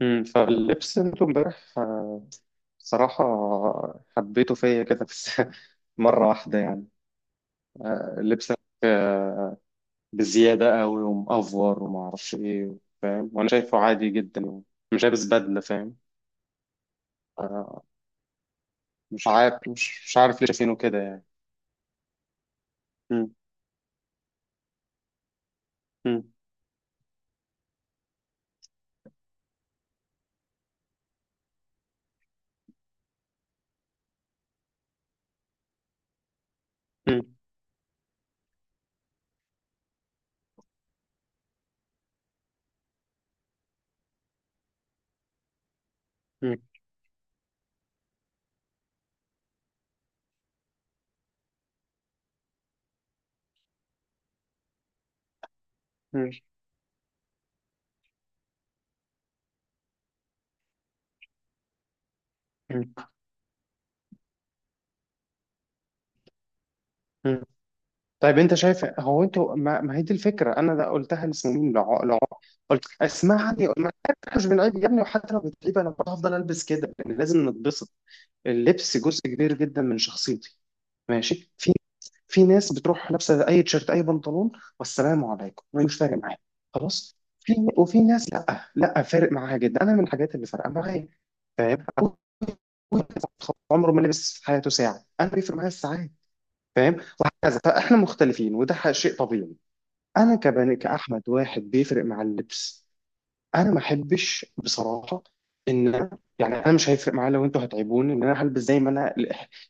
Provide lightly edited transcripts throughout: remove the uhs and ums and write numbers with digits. مم. فاللبس انتوا امبارح بصراحة حبيته فيا كده بس مرة واحدة يعني آه، لبسك آه، بزيادة قوي ومأفور وما أعرفش إيه فاهم وأنا شايفه عادي جدا يعني مش لابس بدلة فاهم آه، مش عارف مش عارف ليه شايفينه كده يعني مم. مم. مم. مم. مم. مم. طيب انت شايف هو انتوا ما هي دي الفكره انا ده قلتها لسنين قلت اسمعني ما احنا مش بنعيب يا ابني، وحتى لو بتعيب انا برضه هفضل البس كده لان لازم نتبسط. اللبس جزء كبير جدا من شخصيتي، ماشي، في ناس بتروح لابسه اي تيشيرت اي بنطلون والسلام عليكم مش فارق معايا، خلاص، في وفي ناس لا لا فارق معاها جدا، انا من الحاجات اللي فارقه معايا. فاهم؟ أبوك عمره ما لبس في حياته ساعه، انا بيفرق معايا الساعات، فاهم؟ وهكذا، فاحنا مختلفين وده شيء طبيعي. انا كبني كاحمد واحد بيفرق مع اللبس، انا ما احبش بصراحه ان أنا يعني انا مش هيفرق معايا لو انتوا هتعيبوني ان انا هلبس زي ما انا.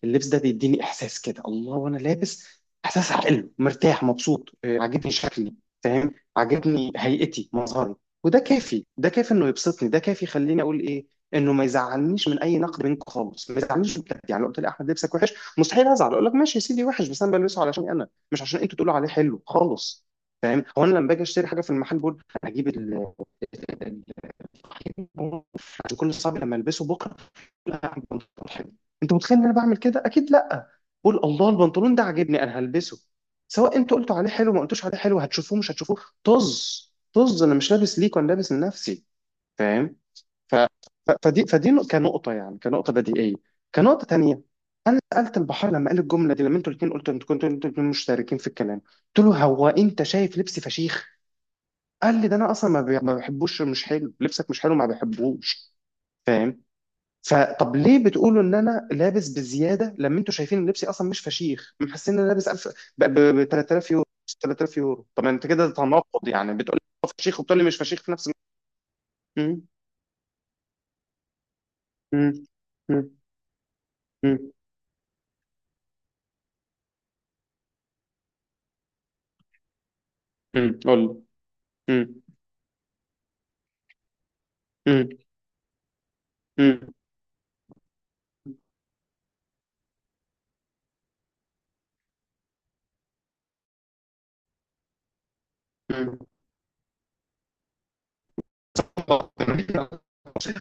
اللبس ده بيديني احساس كده، الله وانا لابس احساس حلو، مرتاح، مبسوط، عاجبني شكلي، فاهم، عاجبني هيئتي، مظهري. وده كافي، ده كافي انه يبسطني، ده كافي يخليني اقول ايه انه ما يزعلنيش من اي نقد منكم خالص، ما يزعلنيش بجد يعني. لو قلت لي احمد لبسك وحش مستحيل ازعل، اقول لك ماشي يا سيدي وحش، بس انا بلبسه علشان انا، مش عشان انتوا تقولوا عليه حلو خالص. فاهم؟ هو انا لما باجي اشتري حاجه في المحل بقول انا هجيب عشان كل اصحابي لما البسه بكره؟ لا، هعمل بنطلون حلو. انت متخيل ان انا بعمل كده؟ اكيد لا. بقول الله البنطلون ده عاجبني، انا هلبسه سواء انتوا قلتوا عليه حلو ما قلتوش عليه حلو، هتشوفوه مش هتشوفوه، طز طز، انا مش لابس ليك، وانا لابس لنفسي، فاهم؟ ف... ف... فدي فدي نق- كنقطه يعني، كنقطه بديهيه، كنقطه تانية. انا سالت البحار لما قال الجمله دي، لما انتوا الاثنين قلتوا، انتوا كنتوا انتوا الاثنين مشتركين في الكلام، قلت له هو انت شايف لبسي فشيخ؟ قال لي ده انا اصلا ما بحبوش، مش حلو لبسك، مش حلو ما بحبوش، فاهم؟ فطب ليه بتقولوا ان انا لابس بزياده لما انتوا شايفين ان لبسي اصلا مش فشيخ؟ محسين ان انا لابس 1000، ب 3000 يورو، 3000 يورو، طب انت كده تناقض يعني، بتقول لي فشيخ وبتقول لي مش فشيخ في نفس الوقت. امم. امم. امم. امم، قول. امم. امم. امم. امم.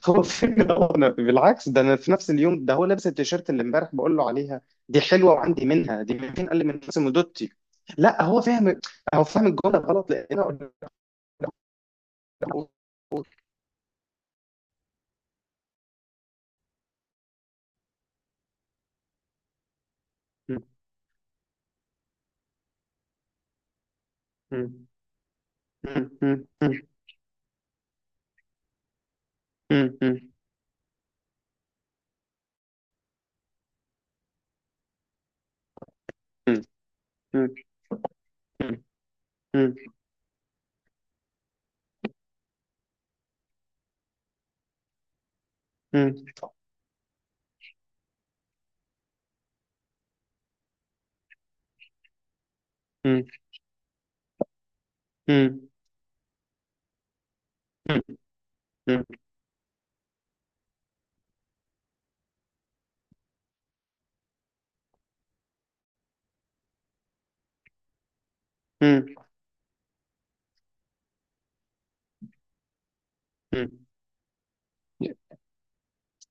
هو فين ده؟ هو بالعكس، ده انا في نفس اليوم ده هو لابس التيشيرت اللي امبارح بقول له عليها دي حلوه وعندي منها، دي من فين؟ قال لي من نفس مدوتي. لا هو فاهم، هو فاهم الجمله غلط لان أنا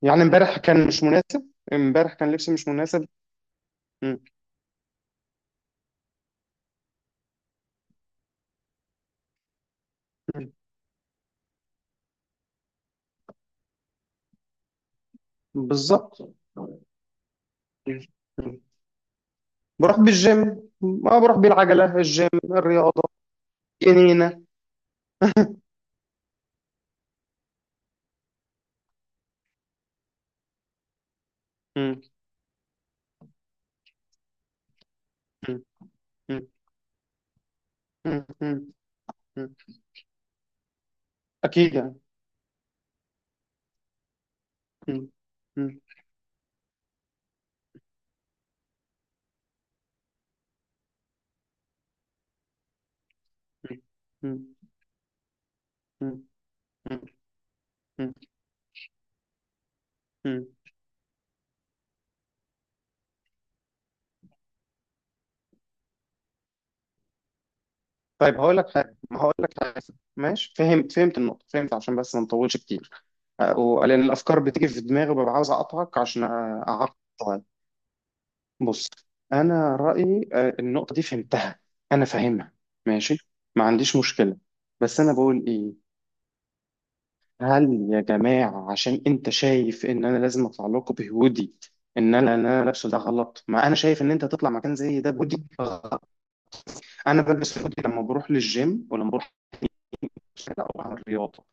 يعني امبارح كان مش مناسب، امبارح كان لبسي مش مناسب. مم. مم. بالظبط. مم. مم. بروح بالجيم، ما بروح بالعجلة، الجيم الرياضة، جنينة. مم. مم. مم. مم. مم. مم. أكيد يعني. مم. مم. مم. مم. مم. مم. طيب هقول لك حاجه، ما هقول لك حاجه. ماشي، فهمت، فهمت النقطه، فهمت. عشان بس ما نطولش كتير، أه، ولان الافكار بتيجي في دماغي وببقى عاوز اقطعك عشان اعقد، طيب بص، انا رايي أه، النقطه دي فهمتها، انا فاهمها، ماشي، ما عنديش مشكله. بس انا بقول ايه، هل يا جماعه عشان انت شايف ان انا لازم اطلع لكم بهودي ان انا ان انا لابسه ده غلط؟ ما انا شايف ان انت تطلع مكان زي ده بهودي. انا بلبس هودي لما بروح للجيم، ولما بروح او بعمل رياضه،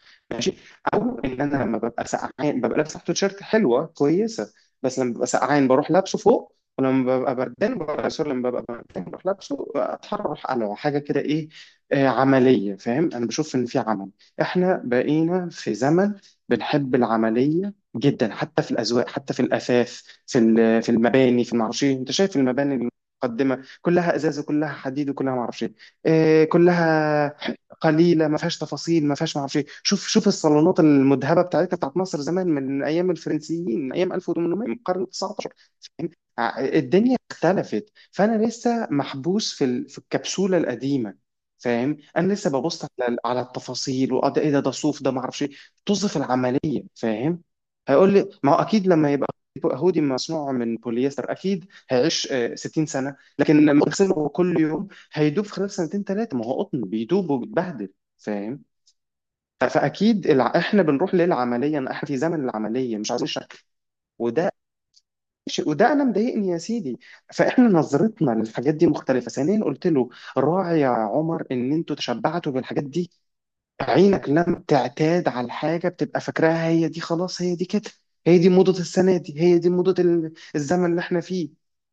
او ان انا لما ببقى سقعان ببقى لابس تحته تيشيرت حلوه كويسه، بس لما ببقى سقعان بروح لابسه فوق، ولما ببقى بردان ببقى، سوري لما ببقى بردان بروح لابسه اتحرر على حاجه كده، ايه عمليه، فاهم؟ انا بشوف ان في عمل، احنا بقينا في زمن بنحب العمليه جدا، حتى في الاذواق، حتى في الاثاث، في المباني في المعرفش إيه. انت شايف المباني المتقدمه كلها ازاز وكلها حديد وكلها معرفش ايه، كلها قليله ما فيهاش تفاصيل ما فيهاش ما اعرفش إيه. شوف شوف الصالونات المذهبه بتاعتنا بتاعت مصر زمان، من ايام الفرنسيين، من ايام 1800، من القرن ال 19، فاهم؟ الدنيا اختلفت. فانا لسه محبوس في الكبسوله القديمه، فاهم؟ انا لسه ببص على على التفاصيل، واه ده ايه، ده ده صوف، ده ما اعرفش ايه، طز في العمليه، فاهم. هيقول لي ما هو اكيد لما يبقى هودي مصنوع من بوليستر اكيد هيعيش 60 سنه، لكن لما اغسله كل يوم هيدوب في خلال سنتين ثلاثة، ما هو قطن بيدوب وبيتبهدل، فاهم؟ فأكيد احنا بنروح للعملية، إن احنا في زمن العملية، مش عايزين شك، وده شيء، وده انا مضايقني يا سيدي. فاحنا نظرتنا للحاجات دي مختلفة. ثانيا قلت له راعي يا عمر ان انتوا تشبعتوا بالحاجات دي، عينك لما تعتاد على الحاجة بتبقى فاكراها هي دي، خلاص هي دي كده، هي دي موضة السنة دي، هي دي موضة الزمن اللي احنا فيه.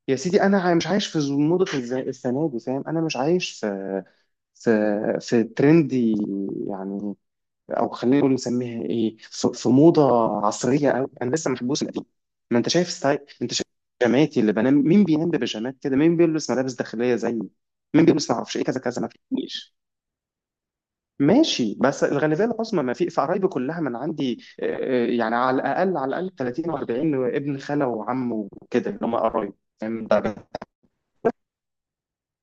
يا سيدي انا مش عايش موضة السنة دي، فاهم؟ انا مش عايش في في في ترند يعني، او خلينا نقول نسميها ايه، في في موضه عصريه قوي، انا لسه محبوس القديم. ما انت شايف ستايل، انت شايف بيجاماتي اللي بنام، مين بينام ببيجامات كده؟ مين بيلبس ملابس داخليه زيي؟ مين بيلبس ما اعرفش ايه، كذا كذا، ما فيش. ماشي، بس الغالبيه العظمى، ما في في قرايبي كلها من عندي يعني على الاقل، على الاقل 30 و40، ابن خاله وعم وكده اللي هم قرايب، فاهم؟ ده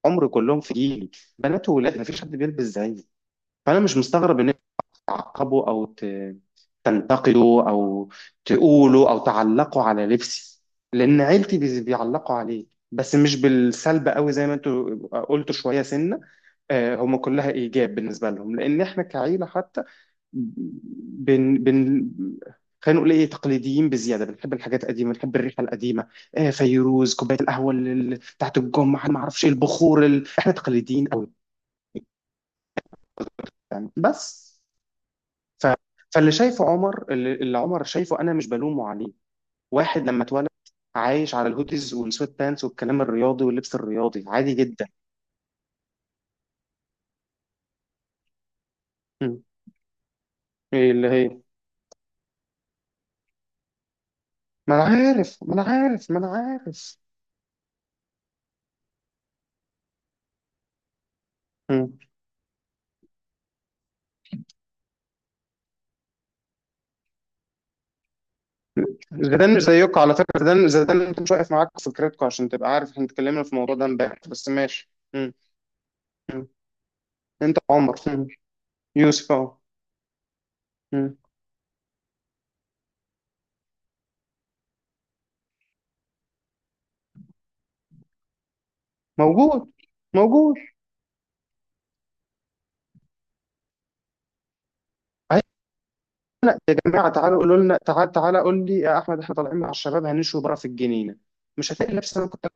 عمري كلهم في جيلي، بنات وولاد ما فيش حد بيلبس زيي. فانا مش مستغرب ان تعقبه تنتقده، او تقوله او تعلقه على لبسي، لان عيلتي بيعلقوا عليه، بس مش بالسلب قوي زي ما انتوا قلتوا شويه سنه، آه، هم كلها ايجاب بالنسبه لهم، لان احنا كعيله حتى، بن بن خلينا نقول ايه، تقليديين بزياده، بنحب الحاجات القديمه، بنحب الريحه القديمه، فيروز، كوبايه القهوه بتاعت الجمعه، ما اعرفش ايه، البخور احنا تقليديين قوي يعني، بس ف... فاللي شايفه عمر، اللي اللي عمر شايفه، انا مش بلومه عليه، واحد لما اتولد عايش على الهوديز والسويت بانس والكلام الرياضي واللبس الرياضي عادي جدا. مم. ايه اللي هي؟ ما انا عارف، ما انا عارف، ما انا عارف. مم. زيدان مش زيكم على فكره، زيدان، زيدان انت مش واقف معاكم في فكرتكم، عشان تبقى عارف احنا اتكلمنا في الموضوع ده امبارح، بس ماشي. مم. مم. انت عمر. مم. يوسف اهو. مم. موجود. موجود أيوة. جماعه تعالوا قولوا لنا، تعال، تعالى قول لي يا احمد احنا طالعين مع الشباب هنشوي بره في الجنينه، مش هتلاقي لبس، انا كنت،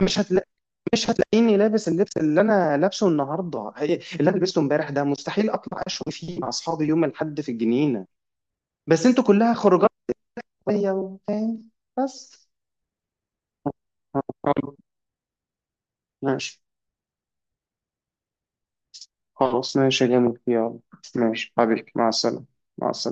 مش هتلاقي، مش هتلاقيني لابس اللبس اللي انا لابسه النهارده، اللي انا لبسته امبارح ده مستحيل اطلع اشوي فيه مع اصحابي يوم الاحد في الجنينه، بس انتوا كلها خروجات عادية، وفاهم بس. حلو. ماشي خلاص، ماشي يا جميل، يلا. ماشي حبيبي، مع السلامه، مع السلامه.